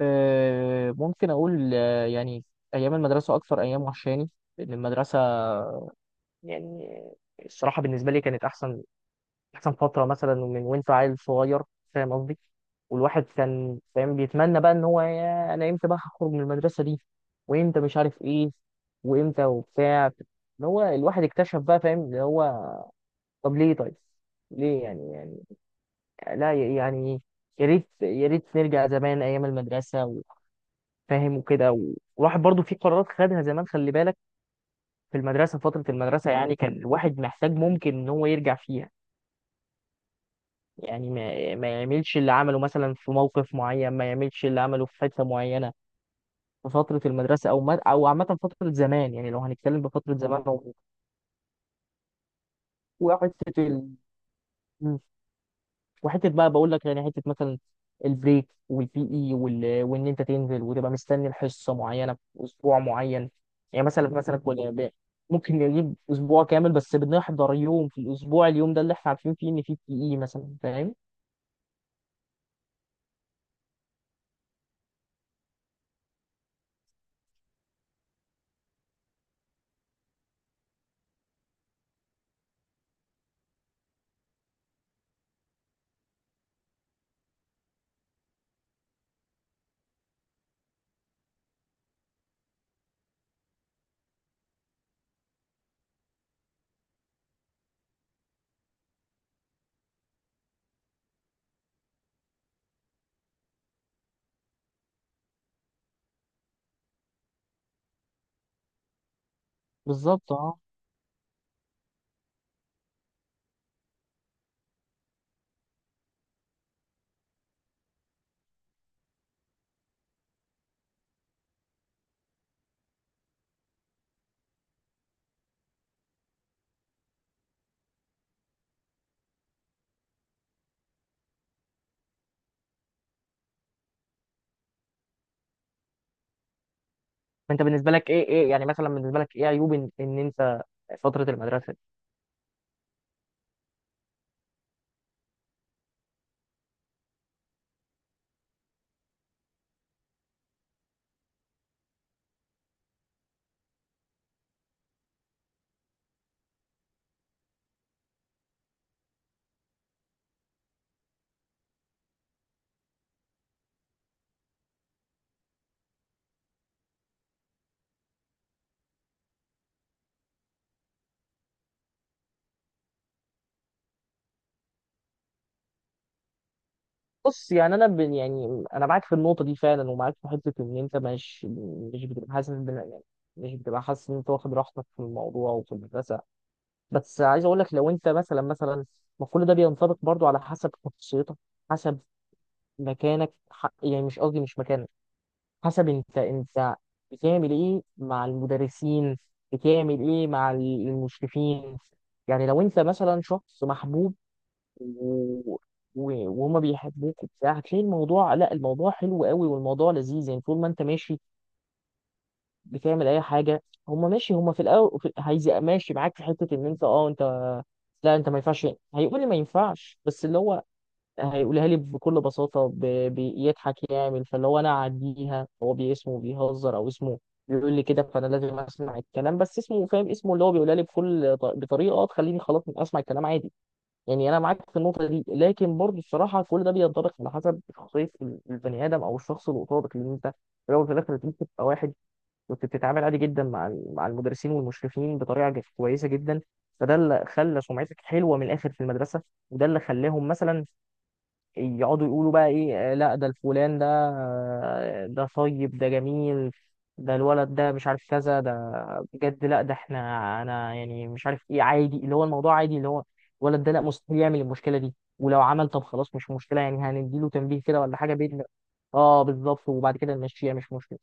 ممكن أقول يعني أيام المدرسة أكثر أيام وحشاني، لأن المدرسة، يعني الصراحة بالنسبة لي كانت أحسن فترة، مثلا من وأنت عيل صغير، فاهم قصدي؟ والواحد كان فاهم، بيتمنى بقى إن هو، يا أنا إمتى بقى هخرج من المدرسة دي، وإمتى مش عارف إيه، وإمتى وبتاع، إن هو الواحد اكتشف بقى، فاهم اللي هو طب ليه؟ طيب ليه؟ يعني لا، يعني يا ريت يا ريت نرجع زمان أيام المدرسة، فاهم وكده والواحد برضو في قرارات خدها زمان، خلي بالك، في المدرسة، فترة المدرسة يعني كان الواحد محتاج ممكن ان هو يرجع فيها، يعني ما يعملش اللي عمله مثلا في موقف معين، ما يعملش اللي عمله في حتة معينة في فترة المدرسة، او ما او عامة فترة زمان، يعني لو هنتكلم بفترة زمان وفترة، وحته بقى، بقول لك يعني حته مثلا البريك والبي اي وان انت تنزل وتبقى مستني الحصه معينه في اسبوع معين، يعني مثلا ممكن نجيب اسبوع كامل بس بنحضر يوم في الاسبوع، اليوم ده اللي احنا عارفين فيه ان فيه بي اي مثلا، فاهم؟ بالظبط اه. انت بالنسبه لك ايه يعني؟ مثلا بالنسبه لك ايه عيوب ان انت فتره المدرسه دي؟ بص، يعني انا يعني انا معاك في النقطه دي فعلا، ومعاك في حته ان انت مش بتبقى حاسس يعني مش بتبقى حاسس ان انت واخد راحتك في الموضوع وفي المدرسه، بس عايز اقول لك، لو انت مثلا ما كل ده بينطبق برضو على حسب شخصيتك، حسب مكانك، يعني مش قصدي مش مكانك، حسب انت بتعمل ايه مع المدرسين، بتعمل ايه مع المشرفين، يعني لو انت مثلا شخص محبوب و... وهما بيحبوك وبتاع، هتلاقي الموضوع، لا الموضوع حلو قوي والموضوع لذيذ، يعني طول ما انت ماشي بتعمل اي حاجه هم ماشي، هم في الاول هيزق ماشي معاك في حته ان انت لا انت ما ينفعش، هيقول لي ما ينفعش، بس اللي هو هيقولها لي بكل بساطه بيضحك يعمل فاللي هو انا اعديها، هو باسمه بيهزر او اسمه بيقول لي كده، فانا لازم اسمع الكلام، بس اسمه فاهم، اسمه اللي هو بيقولها لي بكل بطريقه تخليني خلاص اسمع الكلام عادي. يعني انا معاك في النقطه دي، لكن برضه الصراحه كل ده بينطبق على حسب شخصيه البني ادم او الشخص اللي قصادك، لان انت في الاول وفي الاخر أنت ممكن تبقى واحد كنت بتتعامل عادي جدا مع مع المدرسين والمشرفين بطريقه كويسه جدا، فده اللي خلى سمعتك حلوه من الاخر في المدرسه، وده اللي خلاهم مثلا يقعدوا يقولوا بقى ايه، لا ده الفلان، ده ده طيب ده جميل، ده الولد ده مش عارف كذا، ده بجد لا ده احنا، انا يعني مش عارف ايه عادي، اللي هو الموضوع عادي، اللي هو الولد ده لا مستحيل يعمل المشكله دي، ولو عمل طب خلاص مش مشكله، يعني هنديله تنبيه كده ولا حاجه باذن. اه بالظبط، وبعد كده نمشيها مش مشكله،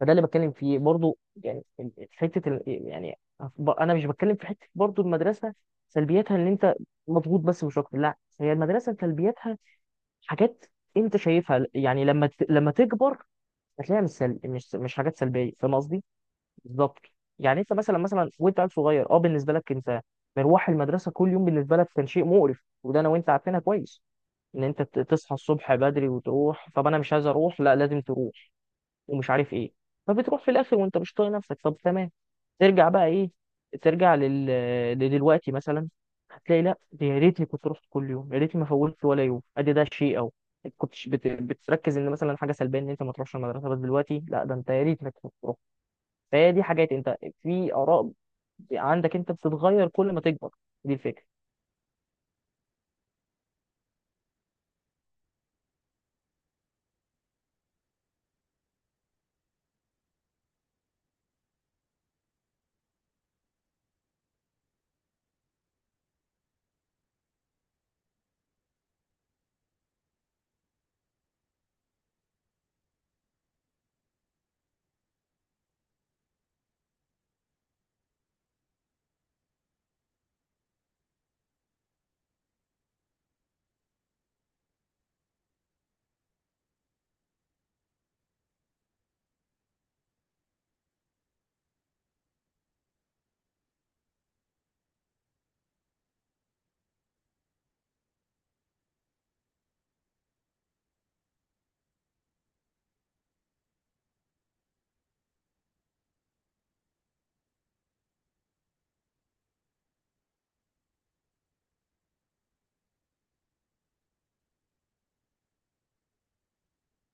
فده اللي بتكلم فيه برضو، يعني حته يعني انا مش بتكلم في حته برضو المدرسه، سلبياتها ان انت مضغوط بس مش اكتر، لا هي المدرسه سلبياتها حاجات انت شايفها، يعني لما لما تكبر هتلاقيها مش حاجات سلبيه، فاهم قصدي؟ بالظبط. يعني انت مثلا وانت عيل صغير، اه، بالنسبه لك انت مروح المدرسه كل يوم، بالنسبه لك كان شيء مقرف، وده انا وانت عارفينها كويس، ان انت تصحى الصبح بدري وتروح، طب انا مش عايز اروح، لا لازم تروح ومش عارف ايه، فبتروح في الاخر وانت مش طايق نفسك، طب تمام، ترجع بقى ايه، ترجع لدلوقتي مثلا، هتلاقي لا دي يا ريتني كنت رحت كل يوم، يا ريتني ما فوتت ولا يوم، ادي ده شيء او كنتش بتركز ان مثلا حاجه سلبيه ان انت ما تروحش المدرسه، بس دلوقتي لا ده انت يا ريتك كنت رحت. فهي دي حاجات انت في اراء عندك انت بتتغير كل ما تكبر، دي الفكره.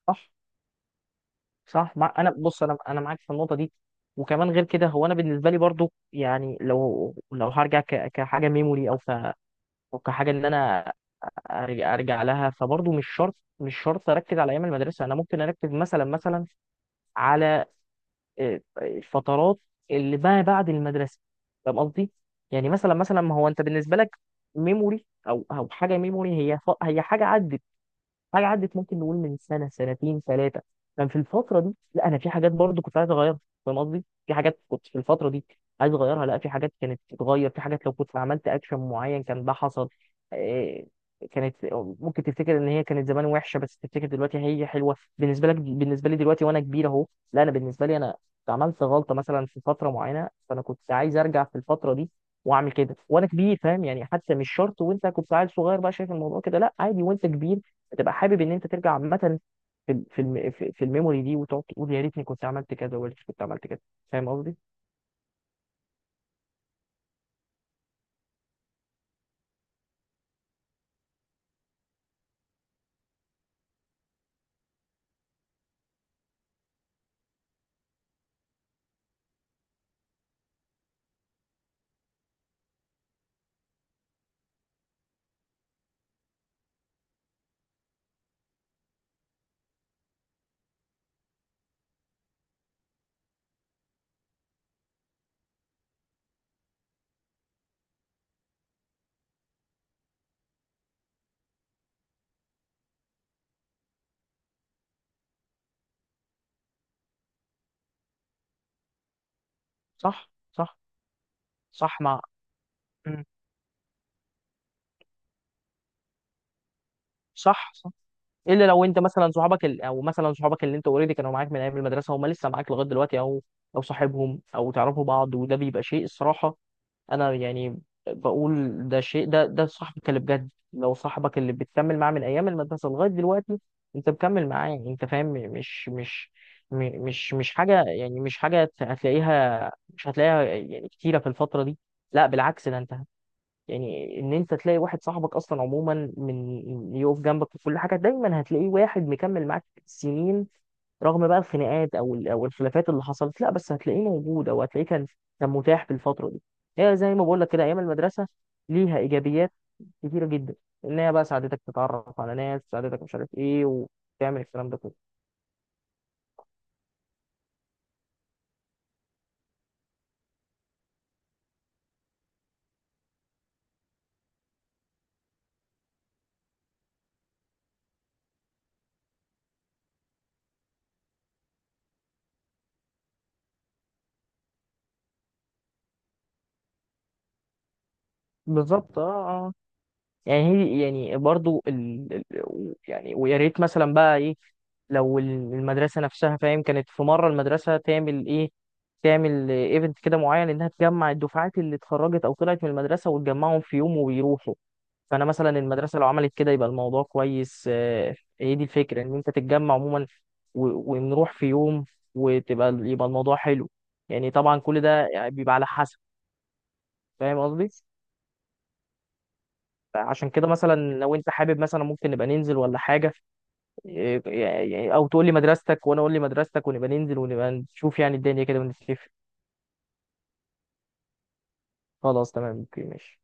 صح صح انا بص، انا معاك في النقطه دي، وكمان غير كده هو انا بالنسبه لي برضو، يعني لو هرجع كحاجه ميموري، او أو كحاجه ان انا أرجع لها، فبرضو مش شرط مش شرط اركز على ايام المدرسه، انا ممكن اركز مثلا على الفترات اللي ما بعد المدرسه، فاهم قصدي؟ يعني مثلا ما هو انت بالنسبه لك ميموري او حاجه ميموري، هي هي حاجه عدت، حاجه عدت ممكن نقول من سنه سنتين ثلاثه، كان في الفتره دي لا انا في حاجات برضو كنت عايز اغيرها، فاهم قصدي؟ في حاجات كنت في الفتره دي عايز اغيرها، لا في حاجات كانت تتغير، في حاجات لو كنت عملت اكشن معين كان ده حصل، آه، كانت ممكن تفتكر ان هي كانت زمان وحشه، بس تفتكر دلوقتي هي حلوه بالنسبه لك، بالنسبه لي دلوقتي وانا كبير اهو، لا انا بالنسبه لي انا عملت غلطه مثلا في فتره معينه، فانا كنت عايز ارجع في الفتره دي واعمل كده وانا كبير، فاهم يعني؟ حتى مش شرط وانت كنت عيل صغير بقى شايف الموضوع كده، لا عادي وانت كبير هتبقى حابب ان انت ترجع عامه في في الميموري دي، وتقعد تقول يا ريتني كنت عملت كذا، ويا ريتني كنت عملت كذا، فاهم قصدي؟ صح صح صح مم. صح صح. الا لو انت مثلا صحابك او مثلا صحابك اللي انت اوريدي كانوا معاك من ايام المدرسه، هم لسه معاك لغايه دلوقتي، او صاحبهم او تعرفوا بعض، وده بيبقى شيء الصراحه، انا يعني بقول ده شيء، ده صاحبك اللي بجد لو صاحبك اللي بتكمل معاه من ايام المدرسه لغايه دلوقتي، انت مكمل معاه، انت فاهم مش حاجه، يعني مش حاجه هتلاقيها، مش هتلاقيها يعني كتيره في الفتره دي، لا بالعكس ده انت، يعني ان انت تلاقي واحد صاحبك اصلا عموما من يقف جنبك في كل حاجه دايما، هتلاقيه واحد مكمل معاك سنين رغم بقى الخناقات او او الخلافات اللي حصلت، لا بس هتلاقيه موجود، او هتلاقيه كان متاح في الفتره دي. هي زي ما بقول لك كده، ايام المدرسه ليها ايجابيات كتيره جدا، ان هي بقى ساعدتك تتعرف على ناس، ساعدتك مش عارف ايه، وتعمل الكلام ده كله. بالظبط اه. يعني هي يعني برضو يعني، ويا ريت مثلا بقى ايه، لو المدرسه نفسها فاهم كانت في مره المدرسه تعمل ايه، تعمل ايفنت كده معين انها تجمع الدفعات اللي اتخرجت او طلعت من المدرسه وتجمعهم في يوم ويروحوا، فانا مثلا المدرسه لو عملت كده يبقى الموضوع كويس هي دي الفكره ان انت تتجمع عموما ونروح في يوم يبقى الموضوع حلو، يعني طبعا كل ده يعني بيبقى على حسب، فاهم قصدي؟ عشان كده مثلا لو انت حابب مثلا ممكن نبقى ننزل ولا حاجه، او تقول لي مدرستك وانا اقول لي مدرستك ونبقى ننزل ونبقى نشوف يعني الدنيا كده ونتفق، خلاص تمام اوكي ماشي.